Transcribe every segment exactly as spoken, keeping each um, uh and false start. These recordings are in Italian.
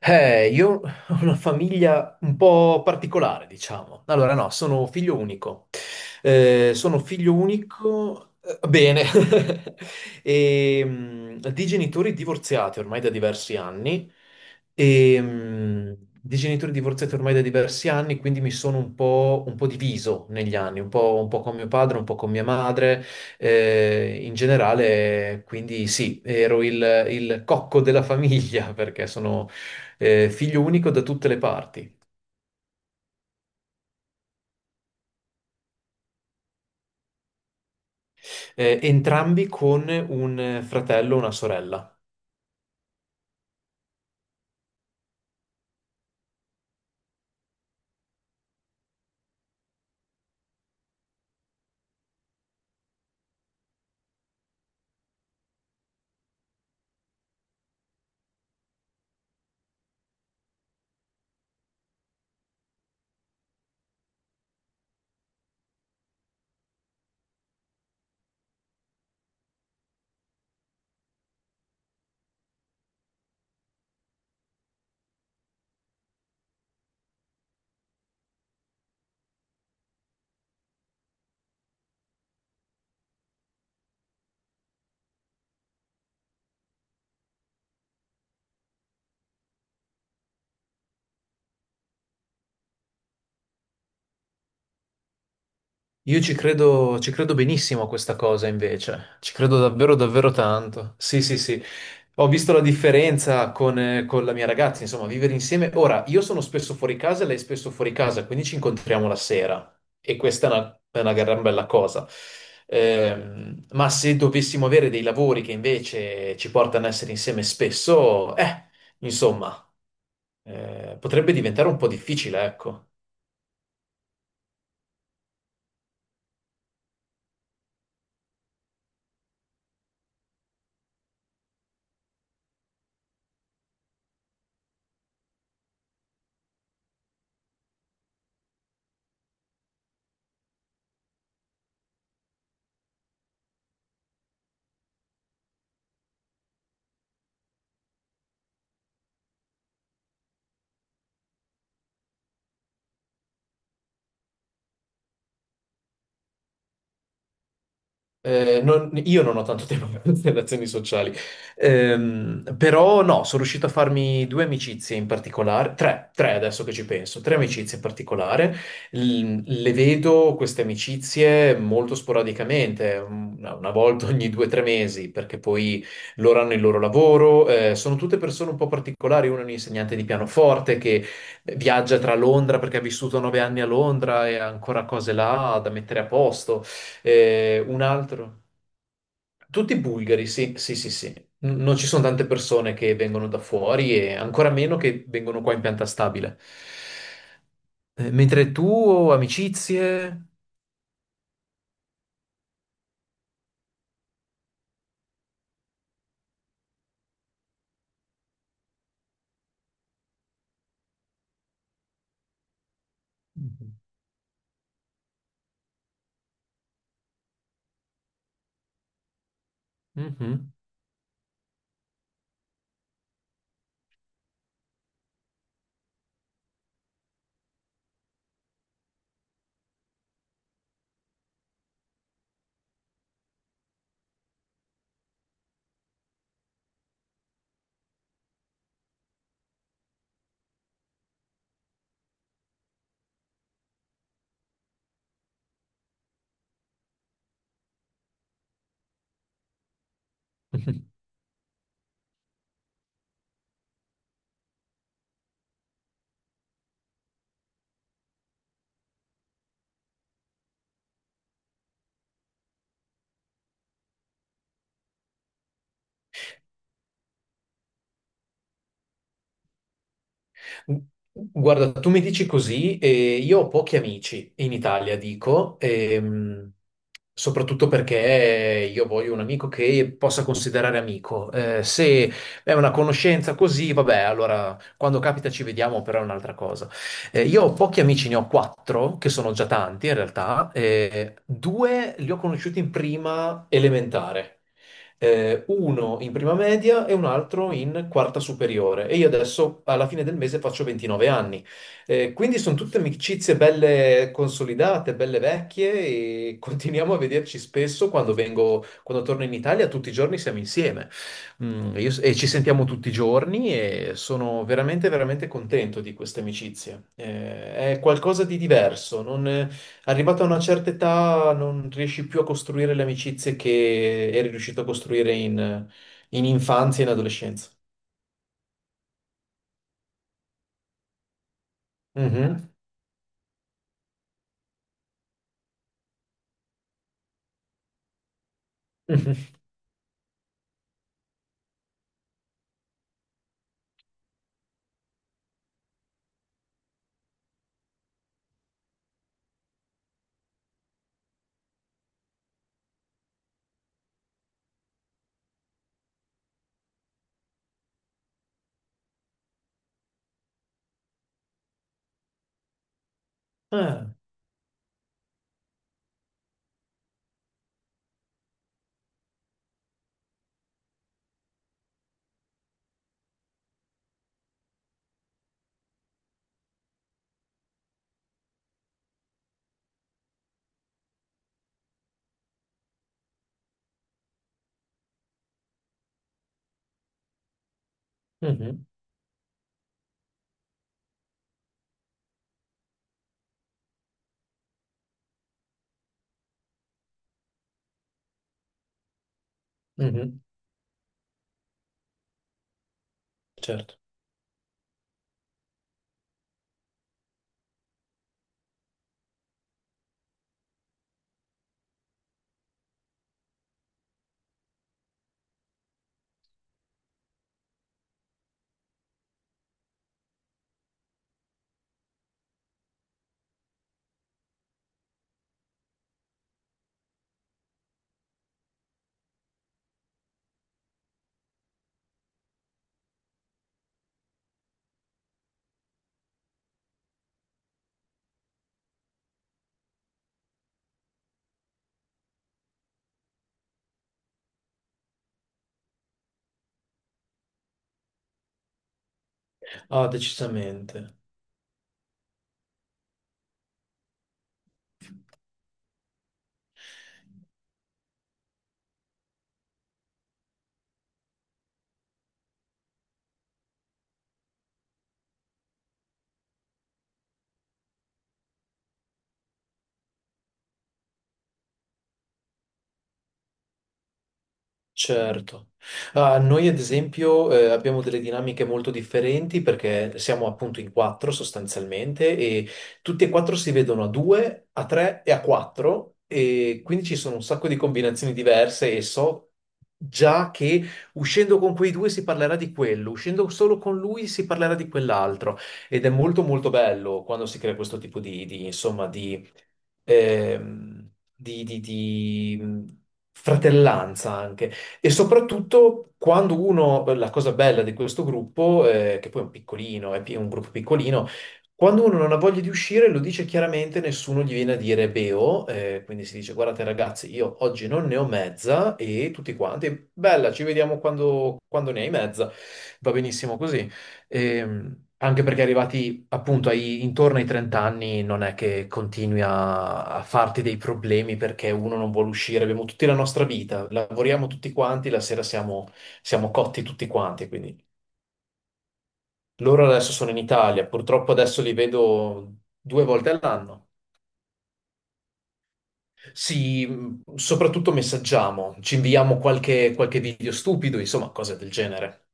Eh, io ho una famiglia un po' particolare, diciamo. Allora, no, sono figlio unico. Eh, sono figlio unico, eh, bene, e, mm, di genitori divorziati ormai da diversi anni. E, mm, di genitori divorziati ormai da diversi anni, quindi mi sono un po', un po' diviso negli anni, un po', un po' con mio padre, un po' con mia madre. Eh, in generale, quindi sì, ero il, il cocco della famiglia perché sono eh, figlio unico da tutte le parti, eh, entrambi con un eh, fratello e una sorella. Io ci credo, ci credo benissimo a questa cosa invece, ci credo davvero davvero tanto. Sì, sì, sì. Ho visto la differenza con, eh, con la mia ragazza, insomma, vivere insieme. Ora, io sono spesso fuori casa e lei è spesso fuori casa, quindi ci incontriamo la sera e questa è una, è una gran bella cosa. Ehm, ma se dovessimo avere dei lavori che invece ci portano a essere insieme spesso, eh, insomma. eh, potrebbe diventare un po' difficile, ecco. Eh, non- io non ho tanto tempo per le relazioni sociali. Ehm, però no, sono riuscito a farmi due amicizie in particolare, tre, tre adesso che ci penso, tre amicizie in particolare. L- le vedo queste amicizie molto sporadicamente, una, una volta ogni due o tre mesi, perché poi loro hanno il loro lavoro. eh, sono tutte persone un po' particolari, uno è un insegnante di pianoforte che viaggia tra Londra perché ha vissuto nove anni a Londra e ha ancora cose là da mettere a posto. Eh, un altro. Tutti bulgari, sì, sì, sì, sì. N- Non ci sono tante persone che vengono da fuori e ancora meno che vengono qua in pianta stabile. Eh, mentre tu, amicizie... Mhm. Mhm. Guarda, tu mi dici così, e io ho pochi amici in Italia, dico, ehm, soprattutto perché io voglio un amico che possa considerare amico. Eh, se è una conoscenza così, vabbè, allora quando capita ci vediamo, però è un'altra cosa. Eh, io ho pochi amici, ne ho quattro, che sono già tanti in realtà, eh, due li ho conosciuti in prima elementare eh, uno in prima media e un altro in quarta superiore. E io adesso alla fine del mese faccio ventinove anni. Eh, quindi sono tutte amicizie belle consolidate, belle vecchie e continuiamo a vederci spesso quando vengo, quando torno in Italia, tutti i giorni siamo insieme. Mm, io- e ci sentiamo tutti i giorni e sono veramente, veramente contento di queste amicizie. Eh, è qualcosa di diverso, non. Arrivato a una certa età non riesci più a costruire le amicizie che eri riuscito a costruire in, in infanzia e in adolescenza. Mhm, mhm. Ah, mhm, mhm. Certo. Ah, decisamente. Certo. Ah, noi ad esempio eh, abbiamo delle dinamiche molto differenti perché siamo appunto in quattro sostanzialmente e tutti e quattro si vedono a due, a tre e a quattro e quindi ci sono un sacco di combinazioni diverse e so già che uscendo con quei due si parlerà di quello, uscendo solo con lui si parlerà di quell'altro ed è molto molto bello quando si crea questo tipo di, di, insomma di ehm, di, di- di, mh, fratellanza anche. E soprattutto quando uno, la cosa bella di questo gruppo, eh, che poi è un piccolino, è pi- un gruppo piccolino, quando uno non ha voglia di uscire lo dice chiaramente, nessuno gli viene a dire beo, eh, quindi si dice guardate ragazzi, io oggi non ne ho mezza e tutti quanti, bella, ci vediamo quando quando ne hai mezza, va benissimo così. E, anche perché arrivati appunto ai- intorno ai trenta anni non è che continui a, a farti dei problemi perché uno non vuole uscire, abbiamo tutti la nostra vita, lavoriamo tutti quanti, la sera siamo, siamo cotti tutti quanti, quindi loro adesso sono in Italia, purtroppo adesso li vedo due volte all'anno. Sì, mh, soprattutto messaggiamo, ci inviamo qualche, qualche video stupido, insomma, cose del genere.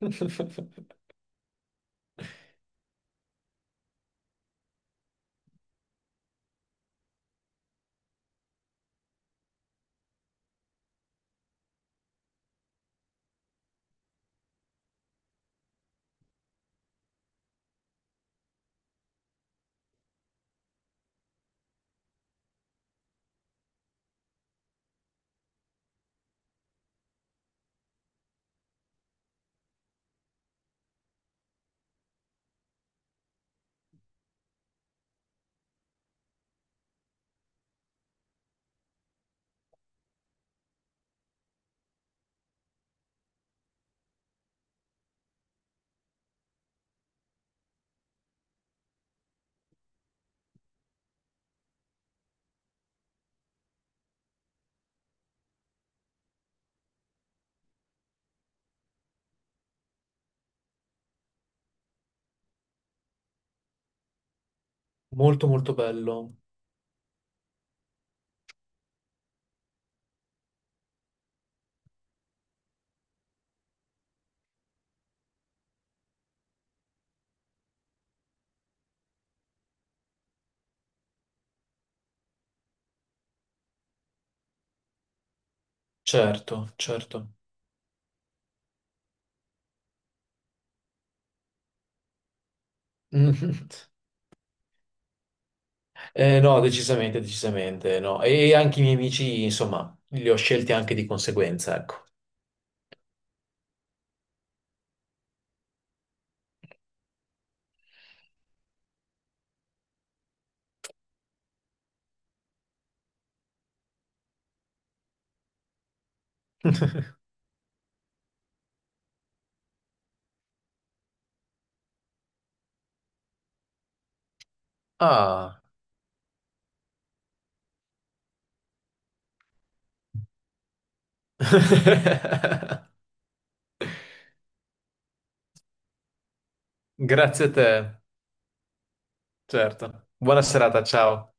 Molto molto bello, certo, certo. Eh, no, decisamente, decisamente no. E anche i miei amici, insomma, li ho scelti anche di conseguenza, ecco. Ah, grazie a te, certo. Buona serata, ciao.